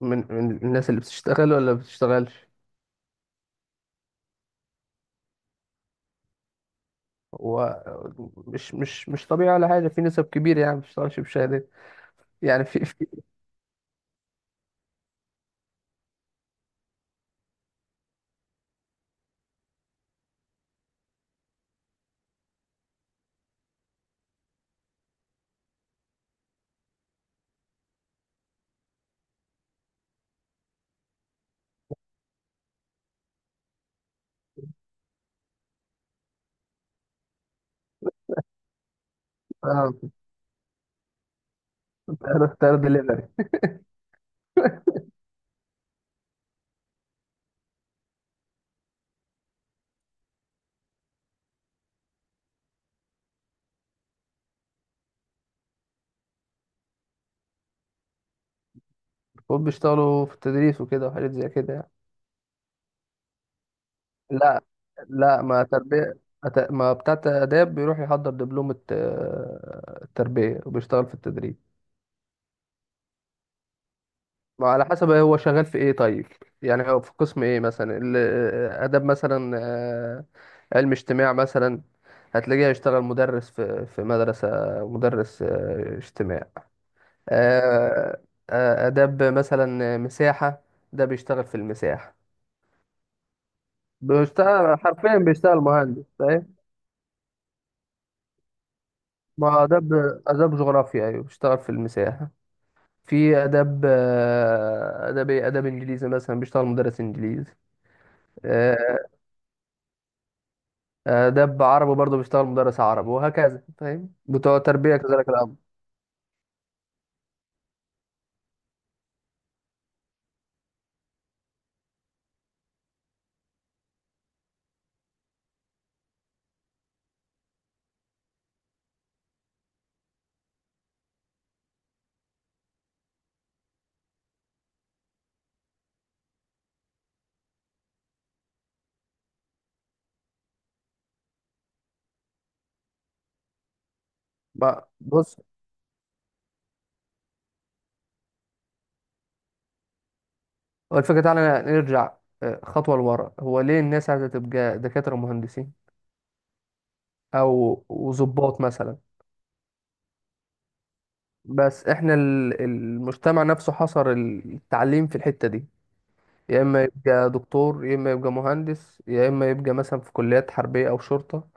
من الناس اللي بتشتغل ولا بتشتغلش. هو مش طبيعي ولا حاجة، في نسب كبيرة يعني ما بتشتغلش بشهادات. يعني في في اه، تلات دليفري. المفروض بيشتغلوا في التدريس وكده وحاجات زي كده يعني. لا. ما تربية. ما بتاع آداب بيروح يحضر دبلومة التربية وبيشتغل في التدريس. ما على حسب هو شغال في ايه طيب. يعني هو في قسم ايه مثلا اداب مثلا، علم اجتماع مثلا. هتلاقيه هيشتغل مدرس في مدرسة، مدرس اجتماع. آه، اداب مثلا، مساحة، ده بيشتغل في المساحة. بيشتغل حرفيا، بيشتغل مهندس فاهم. ما اداب، اداب جغرافيا ايوه بيشتغل في المساحة. في اداب، اداب إيه؟ اداب انجليزي مثلا بيشتغل مدرس انجليزي. آه، دب عربي برضه بيشتغل مدرس عربي وهكذا فاهم، بتوع تربية كذلك الأمر. بص، هو الفكرة تعالى نرجع خطوة لورا. هو ليه الناس عايزة تبقى دكاترة ومهندسين أو وظباط مثلا؟ بس احنا المجتمع نفسه حصر التعليم في الحتة دي. يا إما يبقى دكتور، يا إما يبقى مهندس، يا إما يبقى مثلا في كليات حربية أو شرطة،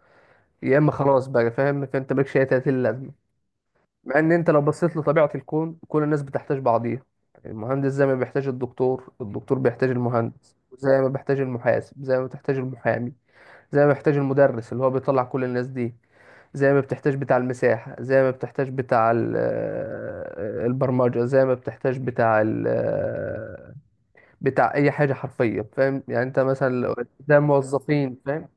يا إما خلاص بقى فاهم. فأنت مالكش أي تلاتين لازمة. مع ان انت لو بصيت لطبيعة الكون، كل الناس بتحتاج بعضيها. المهندس زي ما بيحتاج الدكتور، الدكتور بيحتاج المهندس، زي ما بيحتاج المحاسب، زي ما بيحتاج المحامي، زي ما بيحتاج المدرس اللي هو بيطلع كل الناس دي، زي ما بتحتاج بتاع المساحة، زي ما بتحتاج بتاع البرمجة، زي ما بتحتاج بتاع ال- آه، بتاع أي حاجة حرفيا فاهم. يعني أنت مثلا ده موظفين فاهم.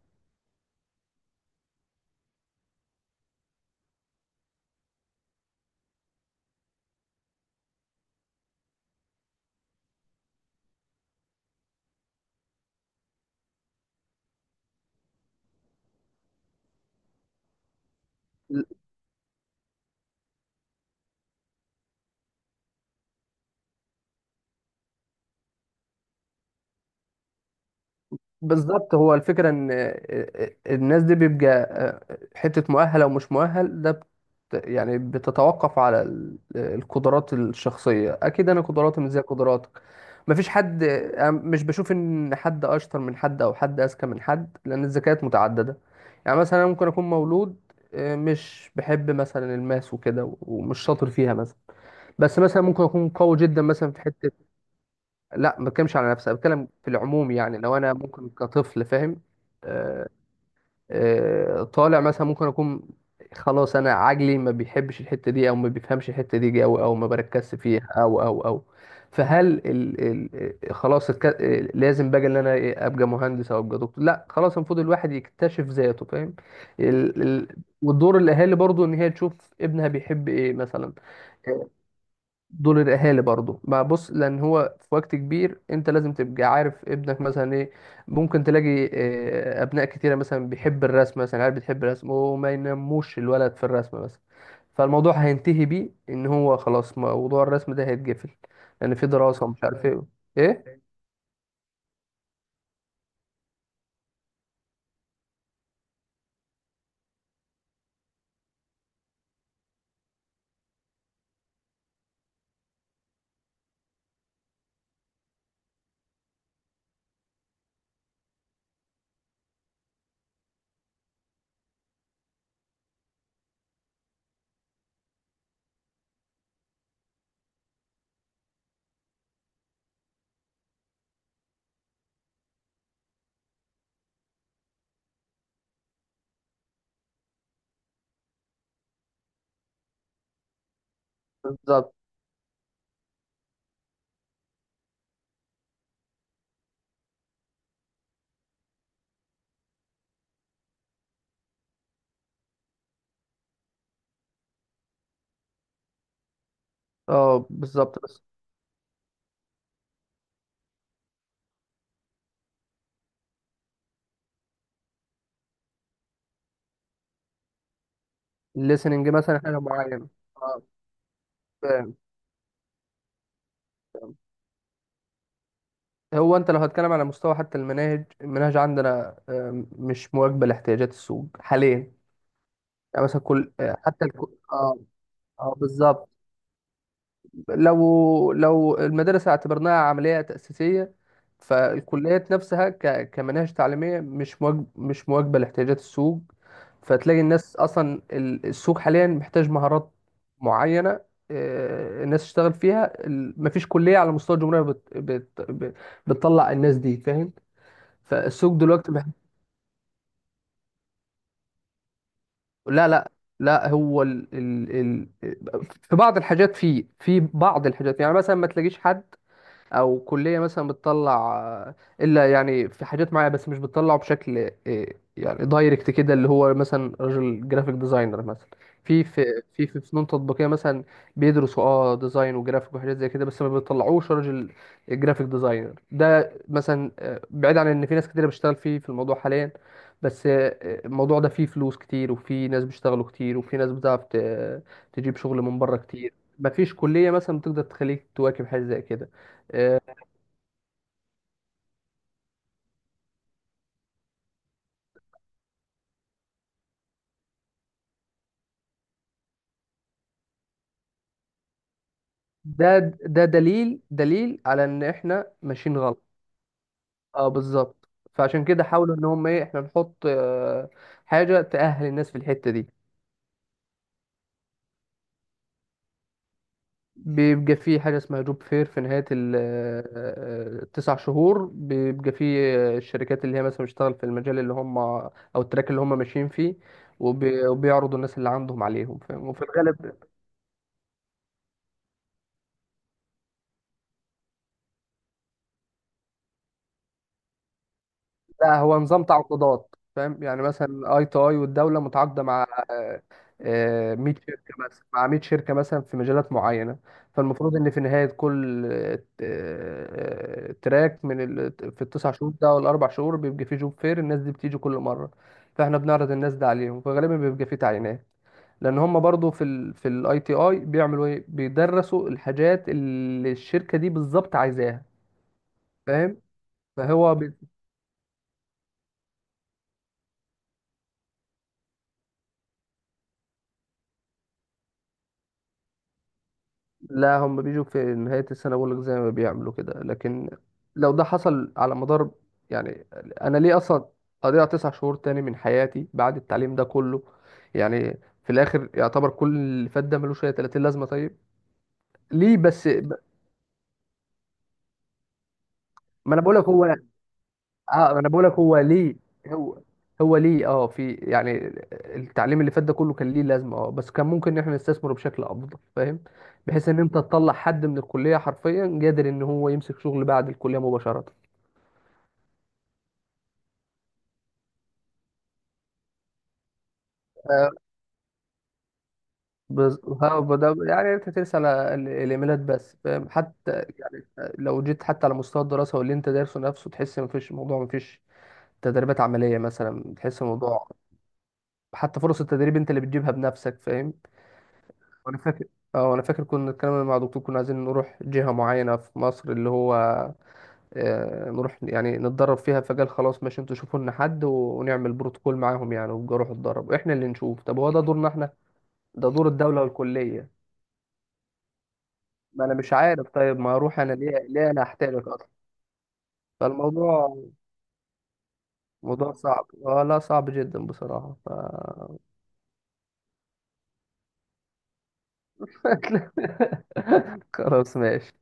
بالظبط، هو الفكرة ان الناس دي بيبقى حتة مؤهل او مش مؤهل، ده بت يعني بتتوقف على القدرات الشخصية. اكيد انا قدراتي مش زي قدراتك. مفيش حد، أنا مش بشوف ان حد اشطر من حد او حد اذكى من حد، لان الذكاءات متعددة. يعني مثلا أنا ممكن اكون مولود مش بحب مثلا الماس وكده ومش شاطر فيها مثلا، بس مثلا ممكن اكون قوي جدا مثلا في حتة. لا، ما بتكلمش على نفسي، أنا بتكلم في العموم يعني، لو انا ممكن كطفل فاهم، آه، طالع مثلا، ممكن اكون خلاص انا عجلي ما بيحبش الحته دي او ما بيفهمش الحته دي او ما بركزش فيها او. فهل ال ال آه، خلاص لازم بقى ان انا ابقى مهندس او ابقى دكتور؟ لا خلاص، المفروض الواحد يكتشف ذاته فاهم. ال ال ودور الاهالي برضو ان هي تشوف ابنها بيحب ايه مثلا. دول الاهالي برضو بقى، بص، لان هو في وقت كبير انت لازم تبقى عارف ابنك مثلا ايه. ممكن تلاقي ابناء كتيره مثلا بيحب الرسم مثلا، عارف بتحب الرسم، وما ينموش الولد في الرسم مثلا، فالموضوع هينتهي بيه ان هو خلاص موضوع الرسم ده هيتقفل، لان في دراسه ومش عارف ايه. ايه بالظبط. اه بالظبط بس. الليسننج مثلا حاجه معينه. اه فاهم. فاهم. هو انت لو هتكلم على مستوى حتى المناهج، المناهج عندنا مش مواكبه لاحتياجات السوق حاليا. يعني مثلا كل حتى اه، اه بالظبط. لو لو المدارس اعتبرناها عملية تأسيسية، فالكليات نفسها كمناهج تعليمية مش مش مواكبة لاحتياجات السوق. فتلاقي الناس أصلا، السوق حاليا محتاج مهارات معينة الناس تشتغل فيها. مفيش كلية على مستوى الجمهورية بتطلع الناس دي فاهم. فالسوق دلوقتي، لا لا، لا هو في بعض الحاجات، في بعض الحاجات يعني، مثلا ما تلاقيش حد او كليه مثلا بتطلع الا يعني في حاجات معينه، بس مش بتطلعه بشكل يعني دايركت كده، اللي هو مثلا راجل جرافيك ديزاينر مثلا. في فنون تطبيقيه مثلا بيدرسوا اه ديزاين وجرافيك وحاجات زي كده، بس ما بيطلعوش راجل جرافيك ديزاينر. ده مثلا بعيد عن ان في ناس كتير بتشتغل فيه في الموضوع حاليا، بس الموضوع ده فيه فلوس كتير، وفي ناس بيشتغلوا كتير، وفي ناس بتعرف تجيب شغل من بره كتير. مفيش كليه مثلا بتقدر تخليك تواكب حاجه زي كده. آه، ده، ده دليل، دليل على ان احنا ماشيين غلط. اه بالظبط، فعشان كده حاولوا ان هم ايه، احنا نحط حاجه تأهل الناس في الحته دي. بيبقى في حاجه اسمها جوب فير في نهايه التسع شهور. بيبقى في الشركات اللي هي مثلا بتشتغل في المجال اللي هم او التراك اللي هم ماشيين فيه، وبيعرضوا الناس اللي عندهم عليهم فاهم؟ وفي الغالب، لا هو نظام تعاقدات فاهم. يعني مثلا اي تو اي والدوله متعاقده مع 100 شركه، مثلا مع 100 شركه مثلا في مجالات معينه. فالمفروض ان في نهايه كل تراك من في التسع شهور ده والاربع شهور بيبقى فيه جوب فير، الناس دي بتيجي كل مره، فاحنا بنعرض الناس ده عليهم، فغالبا بيبقى فيه تعيينات، لان هم برضو في ال في الاي تي اي بيعملوا ايه، بيدرسوا الحاجات اللي الشركه دي بالظبط عايزاها فاهم. فهو لا، هم بيجوا في نهاية السنة بقول لك زي ما بيعملوا كده، لكن لو ده حصل على مدار، يعني أنا ليه أصلا أضيع تسع شهور تاني من حياتي بعد التعليم ده كله؟ يعني في الآخر يعتبر كل اللي فات ده ملوش أي 30 لازمة طيب. ليه بس. ما أنا بقول لك هو، اه انا بقول لك هو ليه. هو هو ليه اه في يعني، التعليم اللي فات ده كله كان ليه لازمه اه، بس كان ممكن ان احنا نستثمره بشكل افضل فاهم، بحيث ان انت تطلع حد من الكليه حرفيا قادر ان هو يمسك شغل بعد الكليه مباشره. آه، ها ده يعني انت ترسل على الايميلات بس فاهم، حتى يعني لو جيت حتى على مستوى الدراسه واللي انت دارسه نفسه تحس مفيش موضوع، مفيش تدريبات عمليه مثلا تحس الموضوع. حتى فرص التدريب انت اللي بتجيبها بنفسك فاهم. انا فاكر، اه انا فاكر كنا اتكلمنا مع دكتور، كنا عايزين نروح جهة معينة في مصر، اللي هو نروح يعني نتدرب فيها، فقال خلاص ماشي انتوا شوفوا لنا حد ونعمل بروتوكول معاهم يعني، وابقوا روحوا اتدربوا احنا اللي نشوف. طب هو ده دورنا احنا؟ ده دور الدولة والكلية. ما انا مش عارف، طيب ما اروح انا ليه؟ ليه انا احتاجك اصلا؟ فالموضوع، موضوع صعب اه، لا صعب جدا بصراحة ف... خلاص ماشي